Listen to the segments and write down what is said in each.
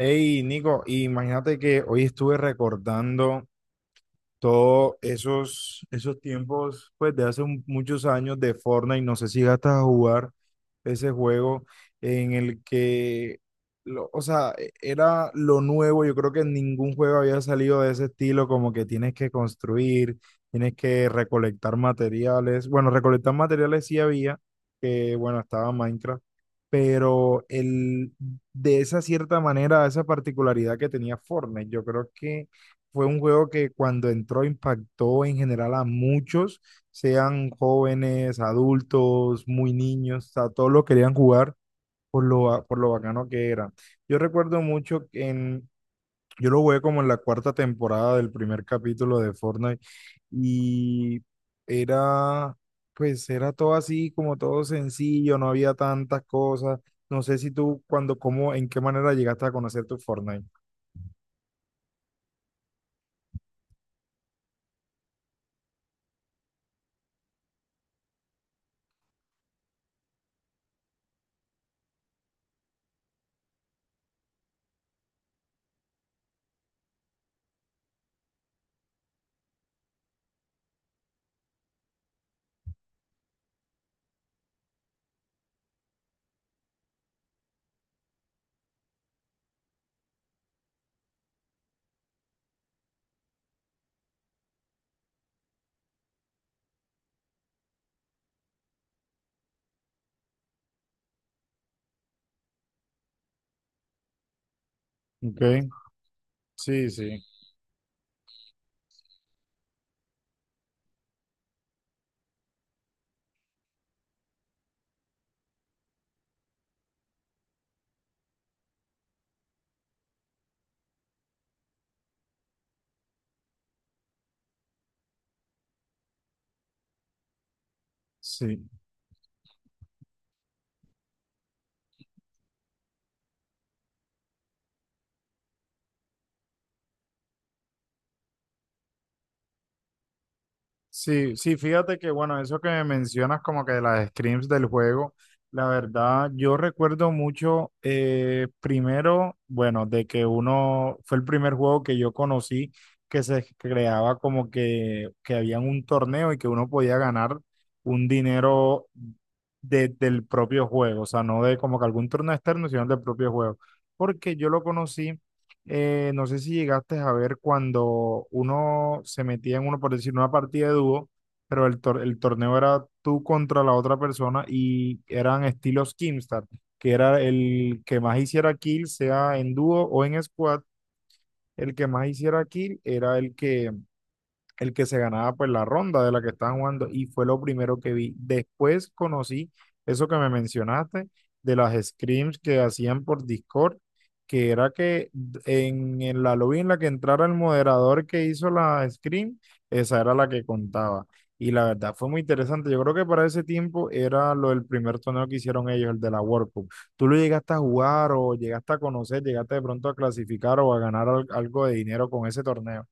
Nico, imagínate que hoy estuve recordando, todos esos tiempos, pues de hace muchos años de Fortnite. No sé si gastas a jugar ese juego en el que, o sea, era lo nuevo. Yo creo que ningún juego había salido de ese estilo, como que tienes que construir, tienes que recolectar materiales. Bueno, recolectar materiales sí había, que bueno, estaba Minecraft, pero el, de esa cierta manera, esa particularidad que tenía Fortnite, yo creo que fue un juego que cuando entró impactó en general a muchos, sean jóvenes, adultos, muy niños, o sea, todos lo querían jugar por por lo bacano que era. Yo recuerdo mucho yo lo jugué como en la cuarta temporada del primer capítulo de Fortnite. Y era, pues era todo así, como todo sencillo, no había tantas cosas. No sé si tú, cuando, cómo, en qué manera llegaste a conocer tu Fortnite. Ok, sí, sí. Sí. Sí, sí, fíjate que bueno, eso que me mencionas como que de las scrims del juego, la verdad yo recuerdo mucho, primero, bueno, de que uno fue el primer juego que yo conocí que se creaba como que había un torneo y que uno podía ganar un dinero del propio juego, o sea, no de como que algún torneo externo, sino del propio juego, porque yo lo conocí. No sé si llegaste a ver cuando uno se metía en uno, por decir, una partida de dúo, pero el torneo era tú contra la otra persona y eran estilos Kimstar, que era el que más hiciera kill, sea en dúo o en squad, el que más hiciera kill era el que se ganaba pues la ronda de la que estaban jugando y fue lo primero que vi. Después conocí eso que me mencionaste de las scrims que hacían por Discord, que era que en la lobby en la que entrara el moderador que hizo la scrim, esa era la que contaba. Y la verdad fue muy interesante. Yo creo que para ese tiempo era lo del primer torneo que hicieron ellos, el de la World Cup. ¿Tú lo llegaste a jugar o llegaste a conocer, llegaste de pronto a clasificar o a ganar algo de dinero con ese torneo?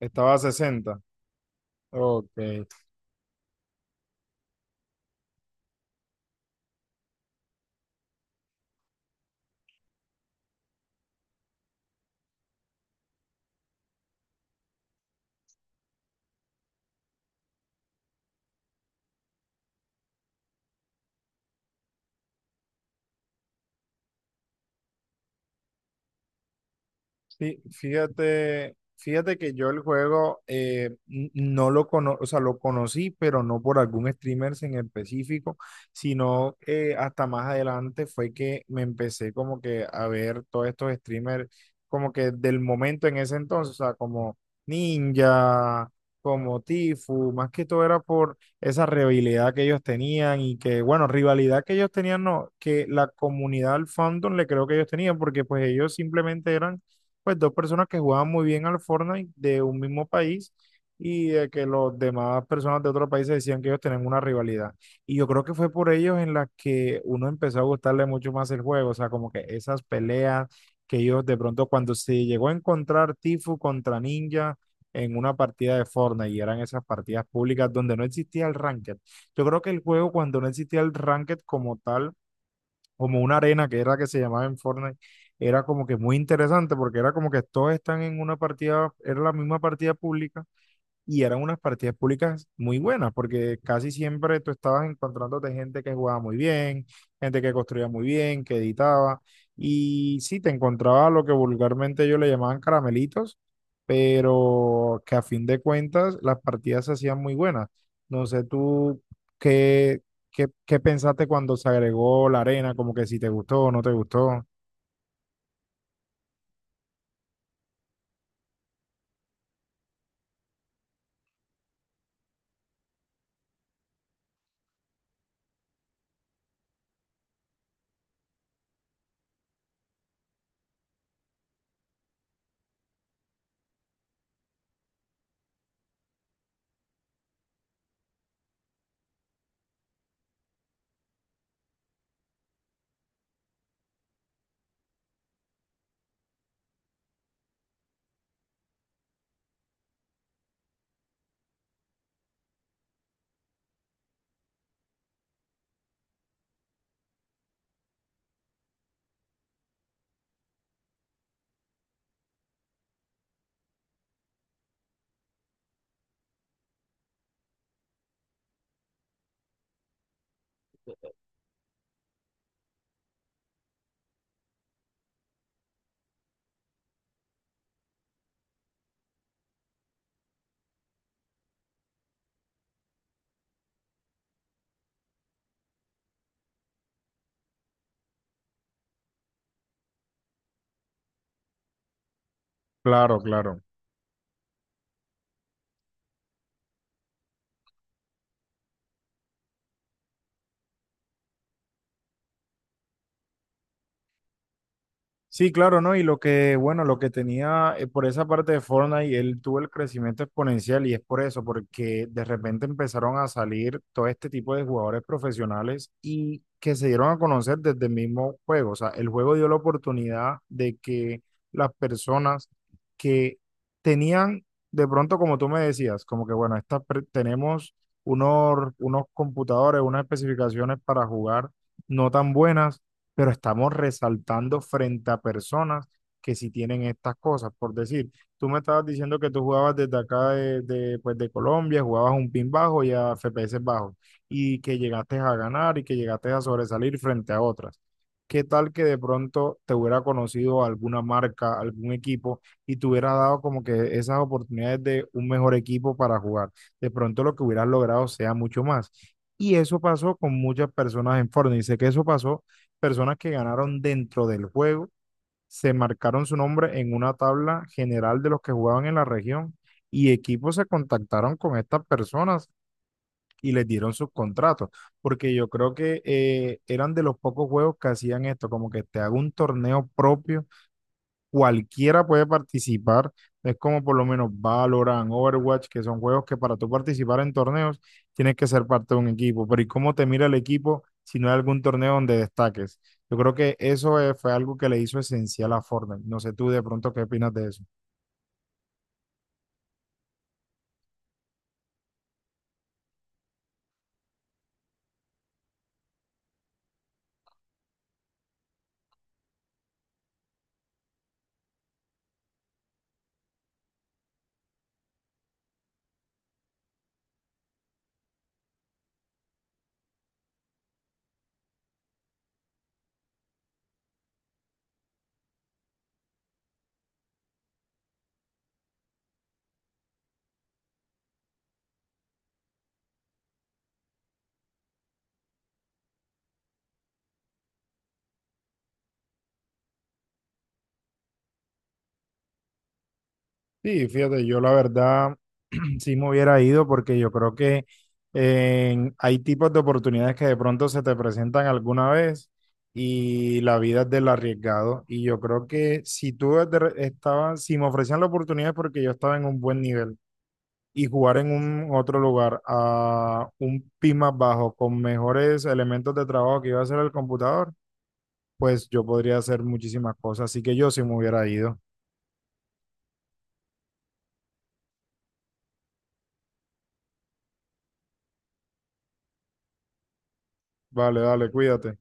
Estaba a 60. Ok. Sí, fíjate, fíjate que yo el juego no lo cono, o sea, lo conocí, pero no por algún streamer en específico, sino hasta más adelante fue que me empecé como que a ver todos estos streamers como que del momento en ese entonces, o sea, como Ninja, como Tifu, más que todo era por esa rivalidad que ellos tenían y que, bueno, rivalidad que ellos tenían, no, que la comunidad al fandom le creo que ellos tenían, porque pues ellos simplemente eran pues dos personas que jugaban muy bien al Fortnite de un mismo país y de que los demás personas de otros países decían que ellos tenían una rivalidad. Y yo creo que fue por ellos en las que uno empezó a gustarle mucho más el juego, o sea, como que esas peleas que ellos de pronto cuando se llegó a encontrar Tifu contra Ninja en una partida de Fortnite y eran esas partidas públicas donde no existía el ranked. Yo creo que el juego cuando no existía el ranked como tal, como una arena que era que se llamaba en Fortnite, era como que muy interesante porque era como que todos están en una partida, era la misma partida pública y eran unas partidas públicas muy buenas, porque casi siempre tú estabas encontrándote gente que jugaba muy bien, gente que construía muy bien, que editaba, y sí, te encontraba lo que vulgarmente ellos le llamaban caramelitos, pero que a fin de cuentas las partidas se hacían muy buenas. No sé tú qué, qué pensaste cuando se agregó la arena, como que si te gustó o no te gustó. Claro, claro. Sí, claro, ¿no? Y lo que, bueno, lo que tenía por esa parte de Fortnite, él tuvo el crecimiento exponencial y es por eso, porque de repente empezaron a salir todo este tipo de jugadores profesionales y que se dieron a conocer desde el mismo juego. O sea, el juego dio la oportunidad de que las personas que tenían, de pronto, como tú me decías, como que, bueno, tenemos unos computadores, unas especificaciones para jugar no tan buenas, pero estamos resaltando frente a personas que sí tienen estas cosas. Por decir, tú me estabas diciendo que tú jugabas desde acá pues de Colombia, jugabas un pin bajo y a FPS bajos, y que llegaste a ganar y que llegaste a sobresalir frente a otras. ¿Qué tal que de pronto te hubiera conocido alguna marca, algún equipo y te hubiera dado como que esas oportunidades de un mejor equipo para jugar? De pronto lo que hubieras logrado sea mucho más. Y eso pasó con muchas personas en Fortnite. Y sé que eso pasó, personas que ganaron dentro del juego se marcaron su nombre en una tabla general de los que jugaban en la región y equipos se contactaron con estas personas y les dieron sus contratos, porque yo creo que eran de los pocos juegos que hacían esto, como que te hago un torneo propio, cualquiera puede participar. Es como por lo menos Valorant, Overwatch, que son juegos que para tú participar en torneos tienes que ser parte de un equipo. Pero ¿y cómo te mira el equipo si no hay algún torneo donde destaques? Yo creo que eso fue algo que le hizo esencial a Fortnite. No sé tú de pronto qué opinas de eso. Sí, fíjate, yo la verdad sí me hubiera ido porque yo creo que hay tipos de oportunidades que de pronto se te presentan alguna vez y la vida es del arriesgado. Y yo creo que si tú desde estabas, si me ofrecían la oportunidad es porque yo estaba en un buen nivel y jugar en un otro lugar a un PIB más bajo con mejores elementos de trabajo que iba a hacer el computador, pues yo podría hacer muchísimas cosas. Así que yo sí me hubiera ido. Vale, dale, cuídate.